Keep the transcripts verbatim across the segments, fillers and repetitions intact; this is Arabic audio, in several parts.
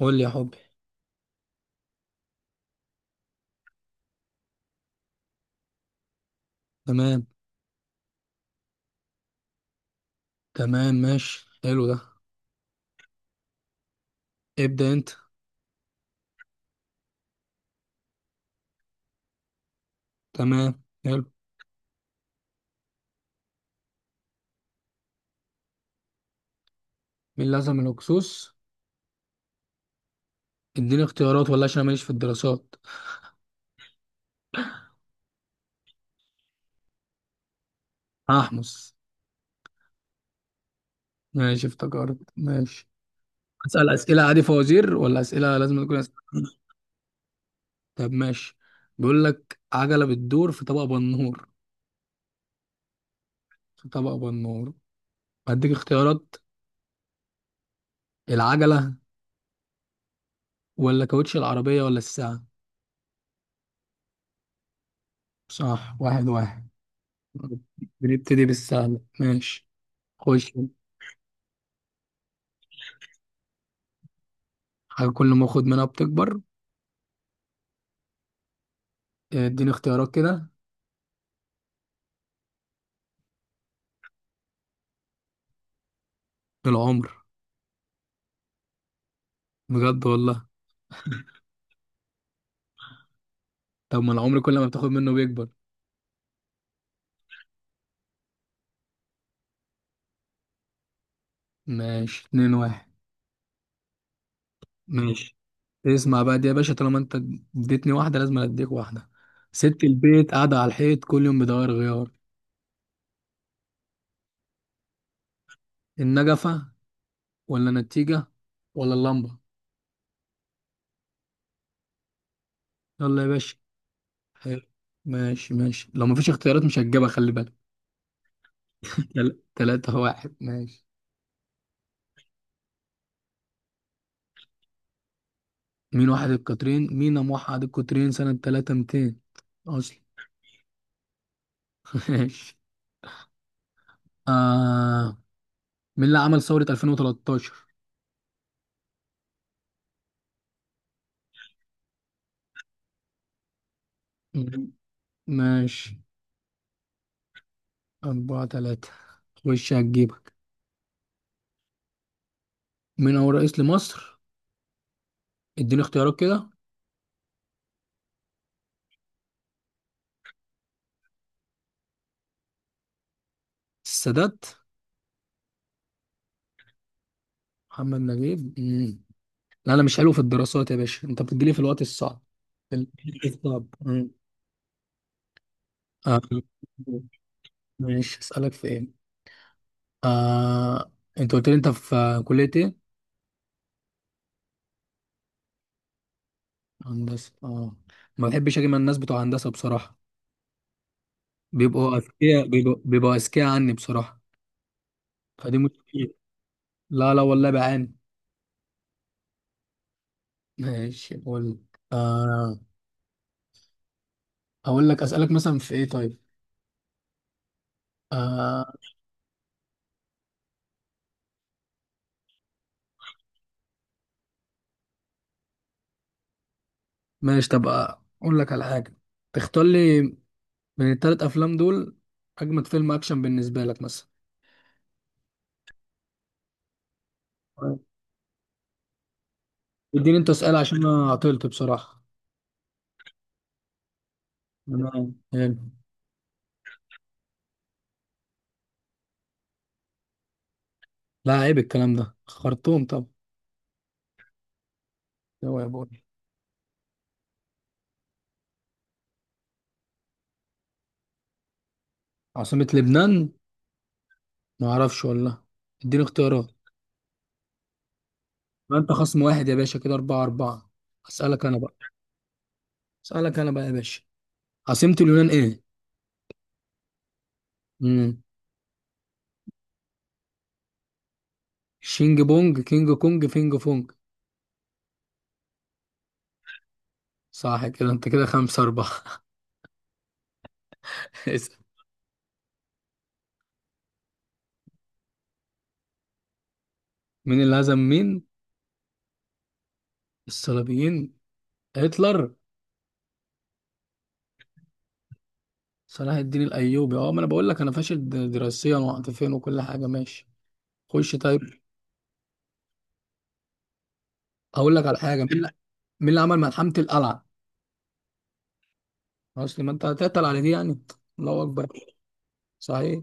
قول لي يا حبي. تمام. تمام ماشي. حلو ده. ابدأ انت. تمام حلو. مين لازم الهكسوس؟ اديني اختيارات ولا؟ عشان أنا ماليش في الدراسات. هحمص. ماشي افتكرت ماشي. اسأل أسئلة عادي فوازير ولا أسئلة لازم تكون أسئلة؟ طب ماشي. بيقول لك عجلة بتدور في طبق بنور، في طبق بنور. هديك اختيارات: العجلة ولا كاوتش العربية ولا الساعة؟ صح، واحد واحد. بنبتدي بالسهل ماشي. خش. حاجة كل ما اخد منها بتكبر. آه، اديني اختيارات كده. العمر؟ بجد والله. طب ما العمر كل ما بتاخد منه بيكبر. ماشي اتنين واحد. ماشي. اسمع بقى دي يا باشا، طالما انت اديتني واحدة لازم اديك واحدة. ست البيت قاعدة على الحيط كل يوم بتغير غيار. النجفة ولا النتيجة ولا اللمبة؟ يلا يا باشا. حلو. ماشي ماشي، لو مفيش اختيارات مش هتجيبها، خلي بالك. تل- تلاتة واحد ماشي. مين واحد القطرين؟ مين موحد القطرين سنة تلاتة ميتين أصلا؟ ماشي. آه، مين اللي عمل ثورة ألفين وتلتاشر؟ مم. ماشي. أربعة تلاتة. خش هتجيبك. مين أول رئيس لمصر؟ اديني اختيارات كده. السادات. محمد نجيب؟ مم. لا أنا مش حلو في الدراسات يا باشا، أنت بتجيلي في الوقت الصعب، في الوقت الصعب. مم. آه. ماشي أسألك في إيه. آه. أنت قلت لي أنت في كلية إيه؟ هندسة، آه. ما بحبش أجي مع الناس بتوع هندسة بصراحة، بيبقوا أذكياء بيبقوا بيبقوا أذكياء عني بصراحة. فدي مشكلة. لا لا والله بعاني. ماشي اقول. آه، اقول لك اسالك مثلا في ايه؟ طيب، آه. ماشي طب، اقول لك على حاجه، تختار لي من الثلاث افلام دول اجمد فيلم اكشن بالنسبه لك مثلا. طيب. اديني انت اسال عشان انا عطلت بصراحه. تمام حلو. لا عيب الكلام ده، خرطوم. طب هو يا بوي. عاصمه لبنان؟ ما اعرفش والله. اديني اختيارات. ما انت خصم واحد يا باشا كده، اربعة اربعة. اسالك انا بقى، اسالك انا بقى يا باشا. عاصمه اليونان ايه؟ مم. شينج بونج، كينج كونج، فينج فونج. صح كده، انت كده خمسة أربعة. اسأل. مين اللي هزم مين؟ الصليبيين؟ هتلر. صلاح الدين الأيوبي. اه ما أنا بقول لك أنا فاشل د- دراسيا وعاطفيا وكل حاجة، ماشي. خش طيب. أقول لك على حاجة. مين اللي مين اللي عمل ملحمة القلعة؟ أصل ما أنت هتقتل على دي يعني. الله أكبر. صحيح.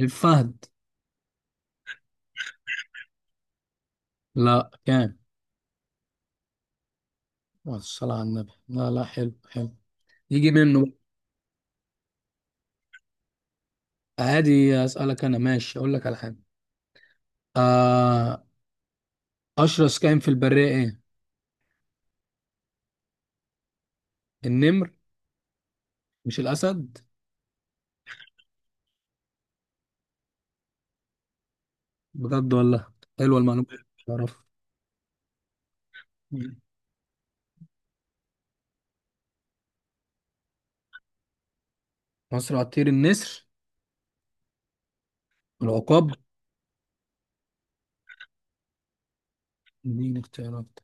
الفهد. لا كام؟ الصلاة على النبي. لا لا، حلو حلو. يجي منه بقى. عادي أسألك أنا، ماشي. أقول لك على حاجة. آه، أشرس كائن في البرية إيه؟ النمر؟ مش الأسد؟ بجد والله، حلوة المعلومة. مش عارف. مم. أسرع طير النسر. العقاب. اديني اختيارات.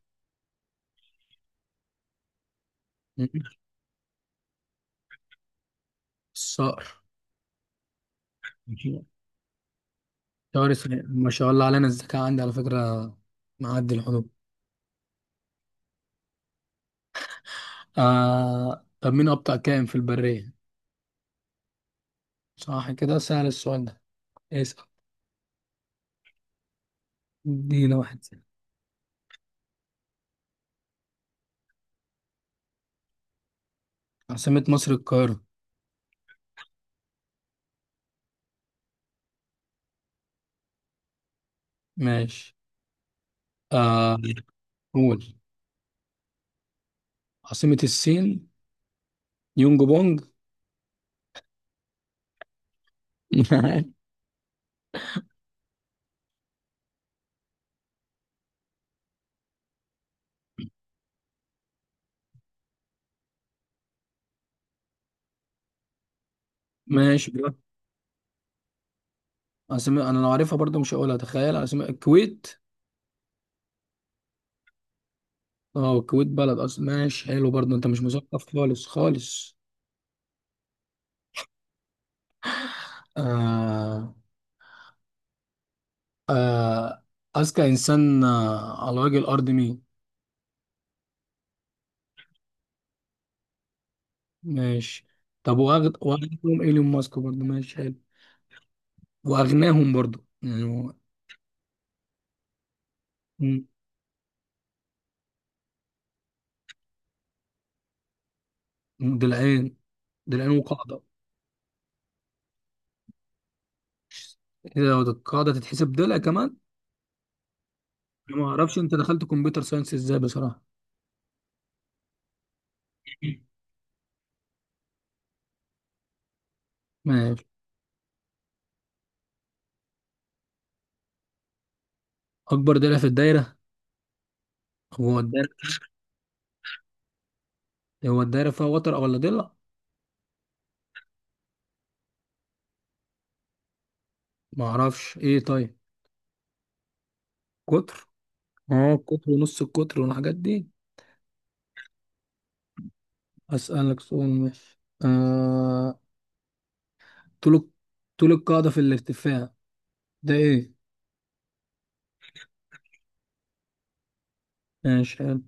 مم. الصقر. طائر اسمه- ما شاء الله علينا الذكاء عندي على فكرة، معدي الحدود. آه... طب مين أبطأ كائن في البرية؟ صح كده، سهل السؤال ده. اسأل. ادينا واحد سهل. عاصمة مصر القاهرة. ماشي. آه... قول. عاصمة الصين؟ يونج بونج. ماشي. اسامي انا لو عارفها برضو مش هقولها، تخيل. اسامي الكويت. اه الكويت بلد اصلا، ماشي. حلو برضو، انت مش مثقف خالص خالص. آه آه اذكى انسان آه على وجه الارض مين؟ ماشي. طب واغد، واغناهم ايلون ماسك برضو، ماشي حلو. واغناهم برضو يعني هو- مم، مم، دلعين. دلعين وقاعده. كده لو القاعده تتحسب دلع كمان. أنا ما اعرفش انت دخلت كمبيوتر ساينس ازاي بصراحه. ماشي. اكبر دلع في الدايره هو الدايره. هو الدايره فيها وتر ولا ضلع؟ ما اعرفش ايه طيب. قطر. اه القطر ونص القطر والحاجات دي. اسالك سؤال ماشي. آه... طول، طول القاعده في الارتفاع، ده ايه؟ ماشي حلو.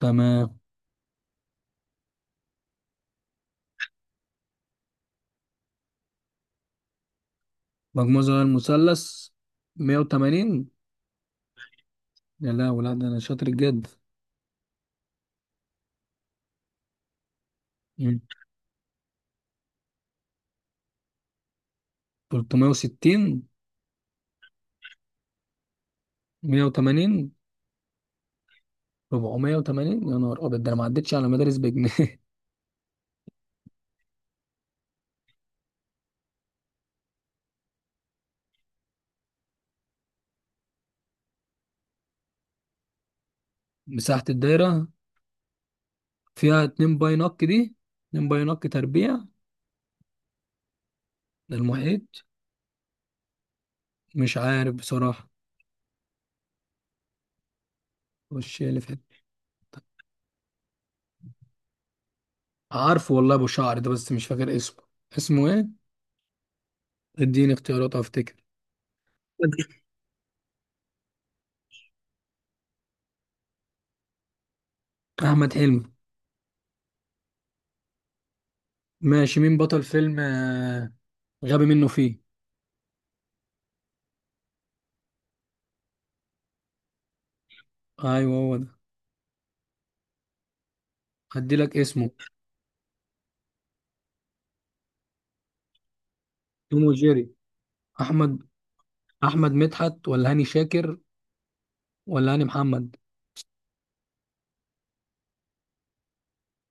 تمام. مجموع زوايا المثلث مية وتمانين. يا لا ولا، ده انا شاطر جد. مم. تلتمية وستين. مية وتمانين. اربعمية وتمانين؟ يا نهار ابيض، ده انا ما عدتش على مدارس بجنيه. مساحه الدايره فيها اتنين باي نق، دي اتنين باي نق تربيع للمحيط. مش عارف بصراحه. وش اللي في؟ عارفه والله، ابو شعر ده بس مش فاكر اسمه. اسمه ايه؟ اديني اختيارات افتكر. احمد حلمي. ماشي. مين بطل فيلم آه، غبي منه فيه؟ ايوه هو ده. هدي لك اسمه. توم وجيري. احمد، احمد مدحت ولا هاني شاكر ولا هاني محمد؟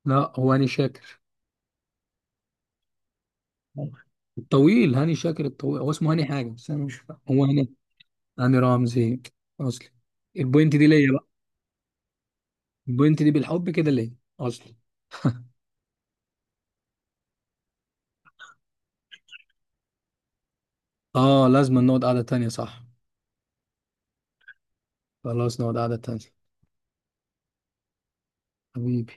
لا هو هاني شاكر الطويل، هاني شاكر الطويل، هو اسمه هاني حاجه بس انا مش فاهم، هو هاني. هاني رمزي. اصلي. البوينت دي ليا بقى. البوينت دي بالحب كده ليا، اصلي. اه لازم نقعد قعده تانية صح. خلاص نقعد قعدة تانية. حبيبي.